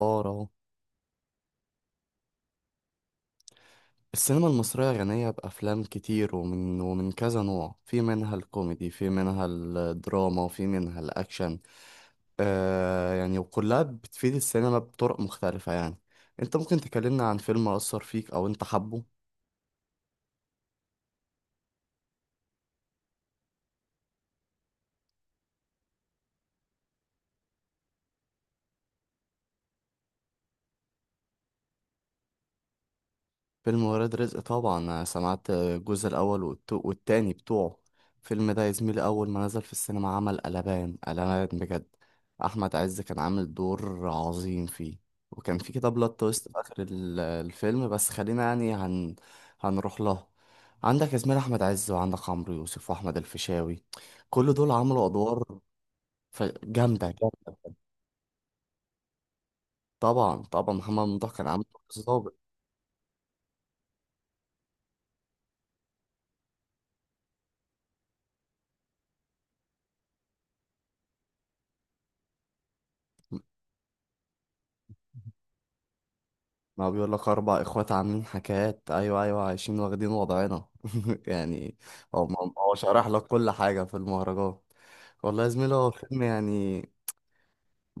اه اهو. السينما المصرية غنية بأفلام كتير، ومن كذا نوع، في منها الكوميدي، في منها الدراما، وفي منها الأكشن. يعني، وكلها بتفيد السينما بطرق مختلفة يعني. انت ممكن تكلمنا عن فيلم أثر فيك أو انت حبه؟ فيلم ولاد رزق طبعا، أنا سمعت الجزء الأول والتاني بتوعه. الفيلم ده يا زميلي أول ما نزل في السينما عمل قلبان قلبان بجد. أحمد عز كان عامل دور عظيم فيه، وكان في كده بلوت تويست في آخر الفيلم، بس خلينا يعني هنروح له. عندك يا زميلي أحمد عز، وعندك عمرو يوسف، وأحمد الفيشاوي، كل دول عملوا أدوار جامدة جامدة. طبعا طبعا محمد ممدوح كان عامل دور ظابط. ما بيقول لك اربع اخوات عاملين حكايات، ايوه ايوه، عايشين واخدين وضعنا يعني. هو هو شرح لك كل حاجه في المهرجان. والله يا زميلي هو فيلم يعني،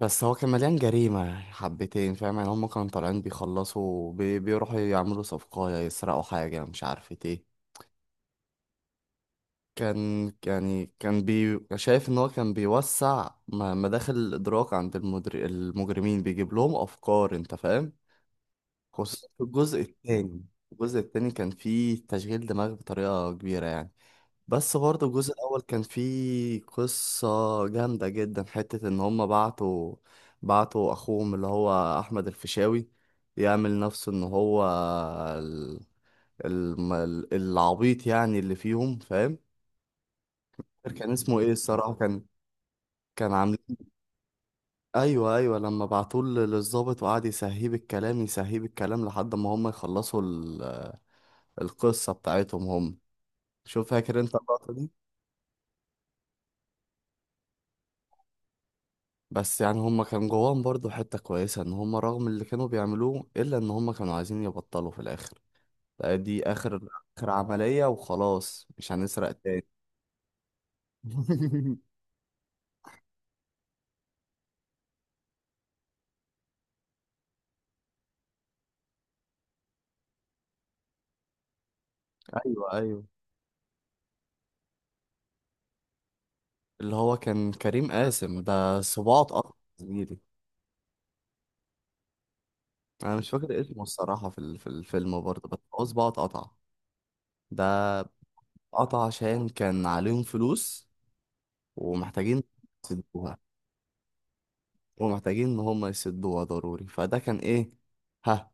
بس هو كان مليان جريمه يعني، حبتين فاهم يعني. هم كانوا طالعين بيخلصوا بيروحوا يعملوا صفقه، يسرقوا حاجه، مش عارف ايه. كان يعني كان بي شايف ان هو كان بيوسع مداخل الادراك عند المجرمين، بيجيب لهم افكار، انت فاهم. خصوصا في الجزء الثاني. الجزء الثاني كان فيه تشغيل دماغ بطريقة كبيرة يعني. بس برضه الجزء الأول كان فيه قصة جامدة جدا، حتة إن هما بعتوا، بعتوا أخوهم اللي هو أحمد الفيشاوي، يعمل نفسه إن هو ال... العبيط يعني اللي فيهم، فاهم. كان اسمه إيه الصراحة؟ كان، كان عامل، ايوه ايوه، لما بعتوه للظابط وقعد يسهيه بالكلام، يسهيه بالكلام، لحد ما هم يخلصوا القصة بتاعتهم هم. شوف، فاكر انت اللقطة دي؟ بس يعني هم كان جواهم برضو حتة كويسة، ان هم رغم اللي كانوا بيعملوه الا ان هم كانوا عايزين يبطلوا في الاخر. لا، دي اخر، اخر عملية وخلاص، مش هنسرق تاني. ايوه ايوه، اللي هو كان كريم قاسم ده صباعه اتقطع يا زميلي. انا مش فاكر اسمه الصراحة في في الفيلم برضه، بس هو صباعه اتقطع. ده قطع عشان كان عليهم فلوس ومحتاجين يسدوها، ومحتاجين ان هم يسدوها ضروري. فده كان ايه؟ ها،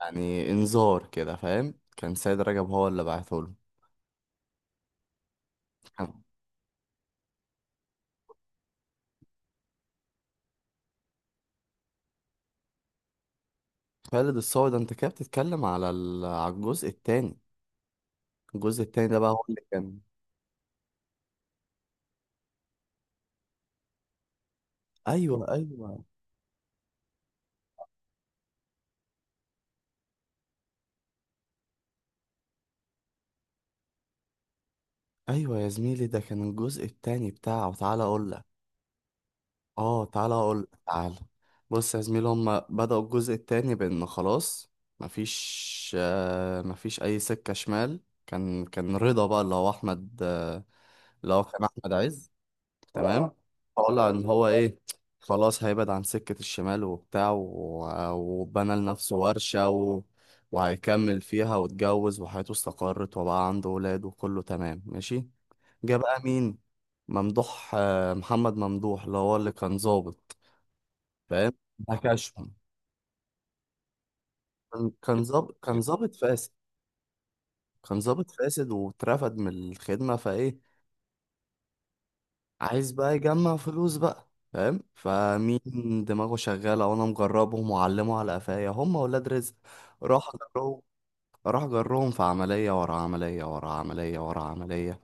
يعني انذار كده، فاهم. كان سيد رجب هو اللي بعته له. كان خالد الصاوي ده، انت كده بتتكلم على على الجزء التاني. الجزء التاني ده بقى هو اللي كان. ايوه ايوه ايوه يا زميلي، ده كان الجزء التاني بتاعه. تعالى اقول لك، اه تعالى اقول، تعالى. بص يا زميلي، هما بدأوا الجزء التاني بان خلاص، مفيش اي سكة شمال. كان رضا بقى، اللي هو احمد، اللي هو كان احمد عز، تمام. طالع ان هو ايه، خلاص هيبعد عن سكة الشمال وبتاع، وبنى لنفسه ورشة وهيكمل فيها، واتجوز، وحياته استقرت، وبقى عنده ولاد، وكله تمام ماشي. جه بقى مين؟ ممدوح، محمد ممدوح اللي هو اللي كان ظابط، فاهم، بكشهم. كان ظابط، كان ظابط فاسد. كان ظابط فاسد، واترفد من الخدمة، فايه؟ عايز بقى يجمع فلوس بقى، فاهم. فمين؟ دماغه شغالة، وانا مجربهم، وعلمه على قفايا، هم ولاد رزق. راح اجرهم، راح اجرهم في عملية ورا عملية ورا عملية ورا عملية.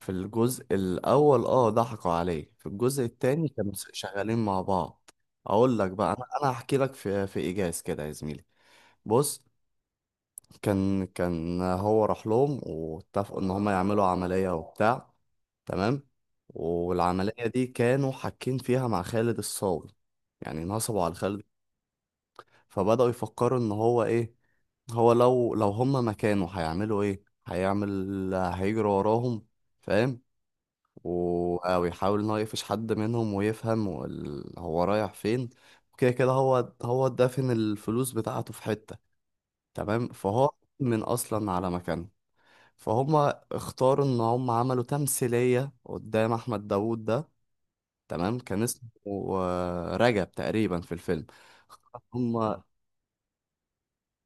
في الجزء الاول اه ضحكوا عليه، في الجزء التاني كانوا شغالين مع بعض. اقول لك بقى، انا هحكي لك في ايجاز كده يا زميلي. بص، كان هو راح لهم واتفقوا ان هم يعملوا عملية وبتاع، تمام. والعملية دي كانوا حاكين فيها مع خالد الصاوي، يعني نصبوا على خالد. فبدأوا يفكروا ان هو ايه، هو لو هم مكانه هيعملوا ايه، هيعمل، هيجري وراهم، فاهم. او يحاول ان هو يقفش حد منهم ويفهم هو رايح فين. وكده كده هو، هو دافن الفلوس بتاعته في حتة، تمام. فهو من اصلا على مكانه، فهم. اختاروا ان هم عملوا تمثيلية قدام احمد داوود ده، تمام. كان اسمه رجب تقريبا في الفيلم. هم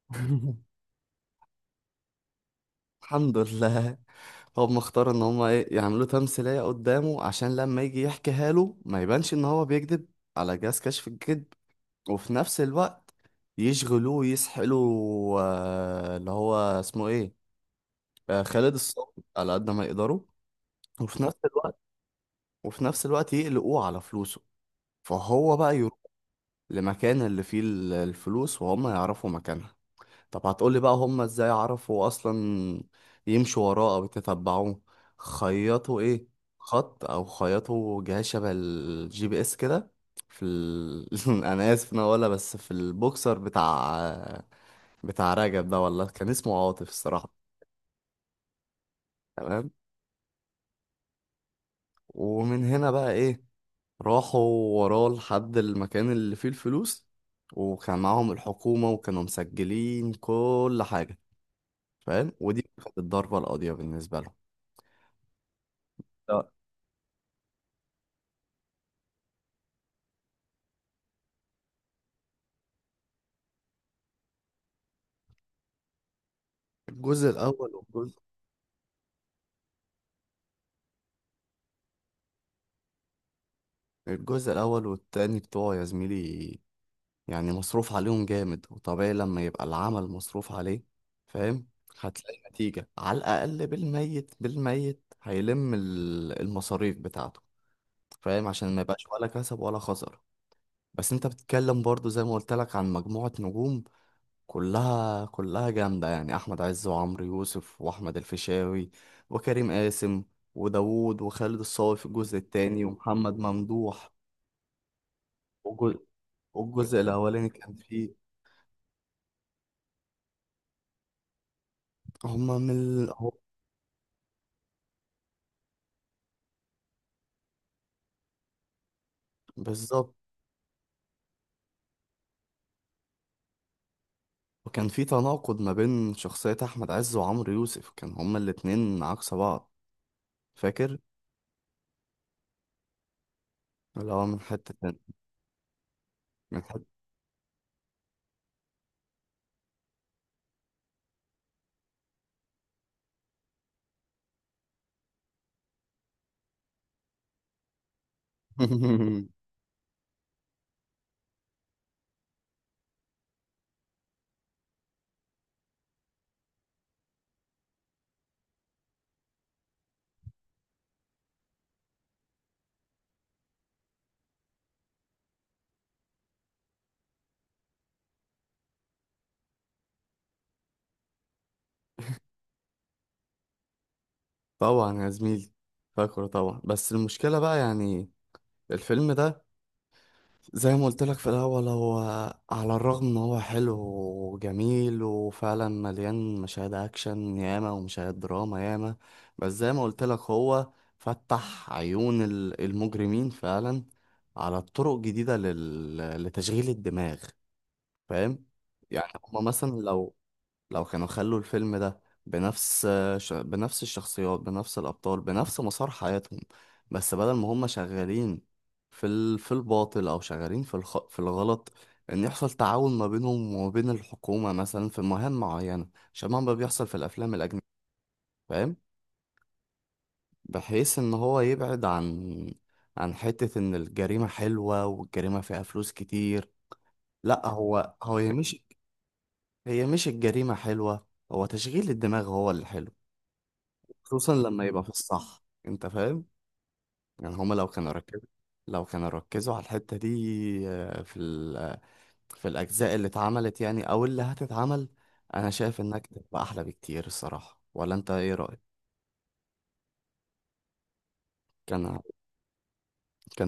الحمد لله. هم اختاروا ان هم ايه، يعملوا تمثيلية قدامه عشان لما يجي يحكيها له ما يبانش ان هو بيكذب على جهاز كشف الكذب. وفي نفس الوقت يشغلوه، يسحلوا اللي هو اسمه ايه، خالد الصاوي، على قد ما يقدروا. وفي نفس الوقت وفي نفس الوقت يقلقوه على فلوسه. فهو بقى يروح لمكان اللي فيه الفلوس، وهم يعرفوا مكانها. طب هتقولي بقى هم ازاي عرفوا اصلا؟ يمشوا وراه او يتتبعوه؟ خيطوا ايه، خط، او خيطوا جهاز شبه الجي بي اس كده في ال... انا اسف إن انا اقولها، بس في البوكسر بتاع، بتاع رجب ده، والله كان اسمه عاطف الصراحة. تمام. ومن هنا بقى ايه، راحوا وراه لحد المكان اللي فيه الفلوس، وكان معاهم الحكومة وكانوا مسجلين كل حاجة، فاهم. ودي كانت الضربة القاضية بالنسبة لهم. لا، الجزء الأول والجزء الجزء الأول والتاني بتوعه يا زميلي، يعني مصروف عليهم جامد. وطبيعي لما يبقى العمل مصروف عليه، فاهم، هتلاقي نتيجة على الأقل بالميت بالميت هيلم المصاريف بتاعته، فاهم، عشان ما يبقاش ولا كسب ولا خسر. بس انت بتتكلم برضو زي ما قلت لك عن مجموعة نجوم، كلها جامدة يعني، أحمد عز وعمرو يوسف وأحمد الفيشاوي وكريم قاسم وداوود وخالد الصاوي في الجزء التاني، ومحمد ممدوح. والجزء, والجزء الأولاني كان فيه هما بالظبط. وكان في تناقض ما بين شخصية أحمد عز وعمرو يوسف، كان هما الاتنين عكس بعض، فاكر؟ اللي هو من حتة تانية، من حتة. طبعا يا زميلي، فاكره طبعا. بس المشكلة بقى يعني، الفيلم ده زي ما قلت لك في الأول، هو على الرغم إن هو حلو وجميل، وفعلا مليان مشاهد أكشن ياما ومشاهد دراما ياما، بس زي ما قلت لك هو فتح عيون المجرمين فعلا على طرق جديدة لتشغيل الدماغ، فاهم. يعني هما مثلا لو، لو كانوا خلوا الفيلم ده بنفس ش... بنفس الشخصيات بنفس الأبطال بنفس مسار حياتهم، بس بدل ما هم شغالين في الباطل، أو شغالين في الغلط، إن يحصل تعاون ما بينهم وما بين الحكومة مثلا في مهام معينة شبه ما بيحصل في الأفلام الأجنبية، فاهم. بحيث إن هو يبعد عن، عن حتة إن الجريمة حلوة والجريمة فيها فلوس كتير. لأ، هو هي مش، هي مش الجريمة حلوة، هو تشغيل الدماغ هو اللي حلو، خصوصا لما يبقى في الصح، انت فاهم. يعني هما لو كانوا ركزوا، لو كانوا ركزوا على الحتة دي آه، في ال... آه، في الأجزاء اللي اتعملت يعني أو اللي هتتعمل، أنا شايف إنك تبقى أحلى بكتير الصراحة، ولا أنت إيه رأيك؟ كان كان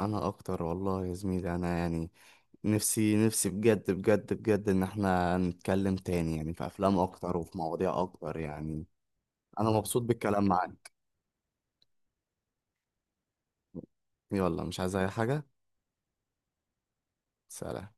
أنا أكتر والله يا زميلي، أنا يعني نفسي نفسي بجد بجد بجد إن إحنا نتكلم تاني يعني في أفلام أكتر وفي مواضيع أكتر يعني، أنا مبسوط بالكلام معاك. يلا، مش عايز أي حاجة. سلام.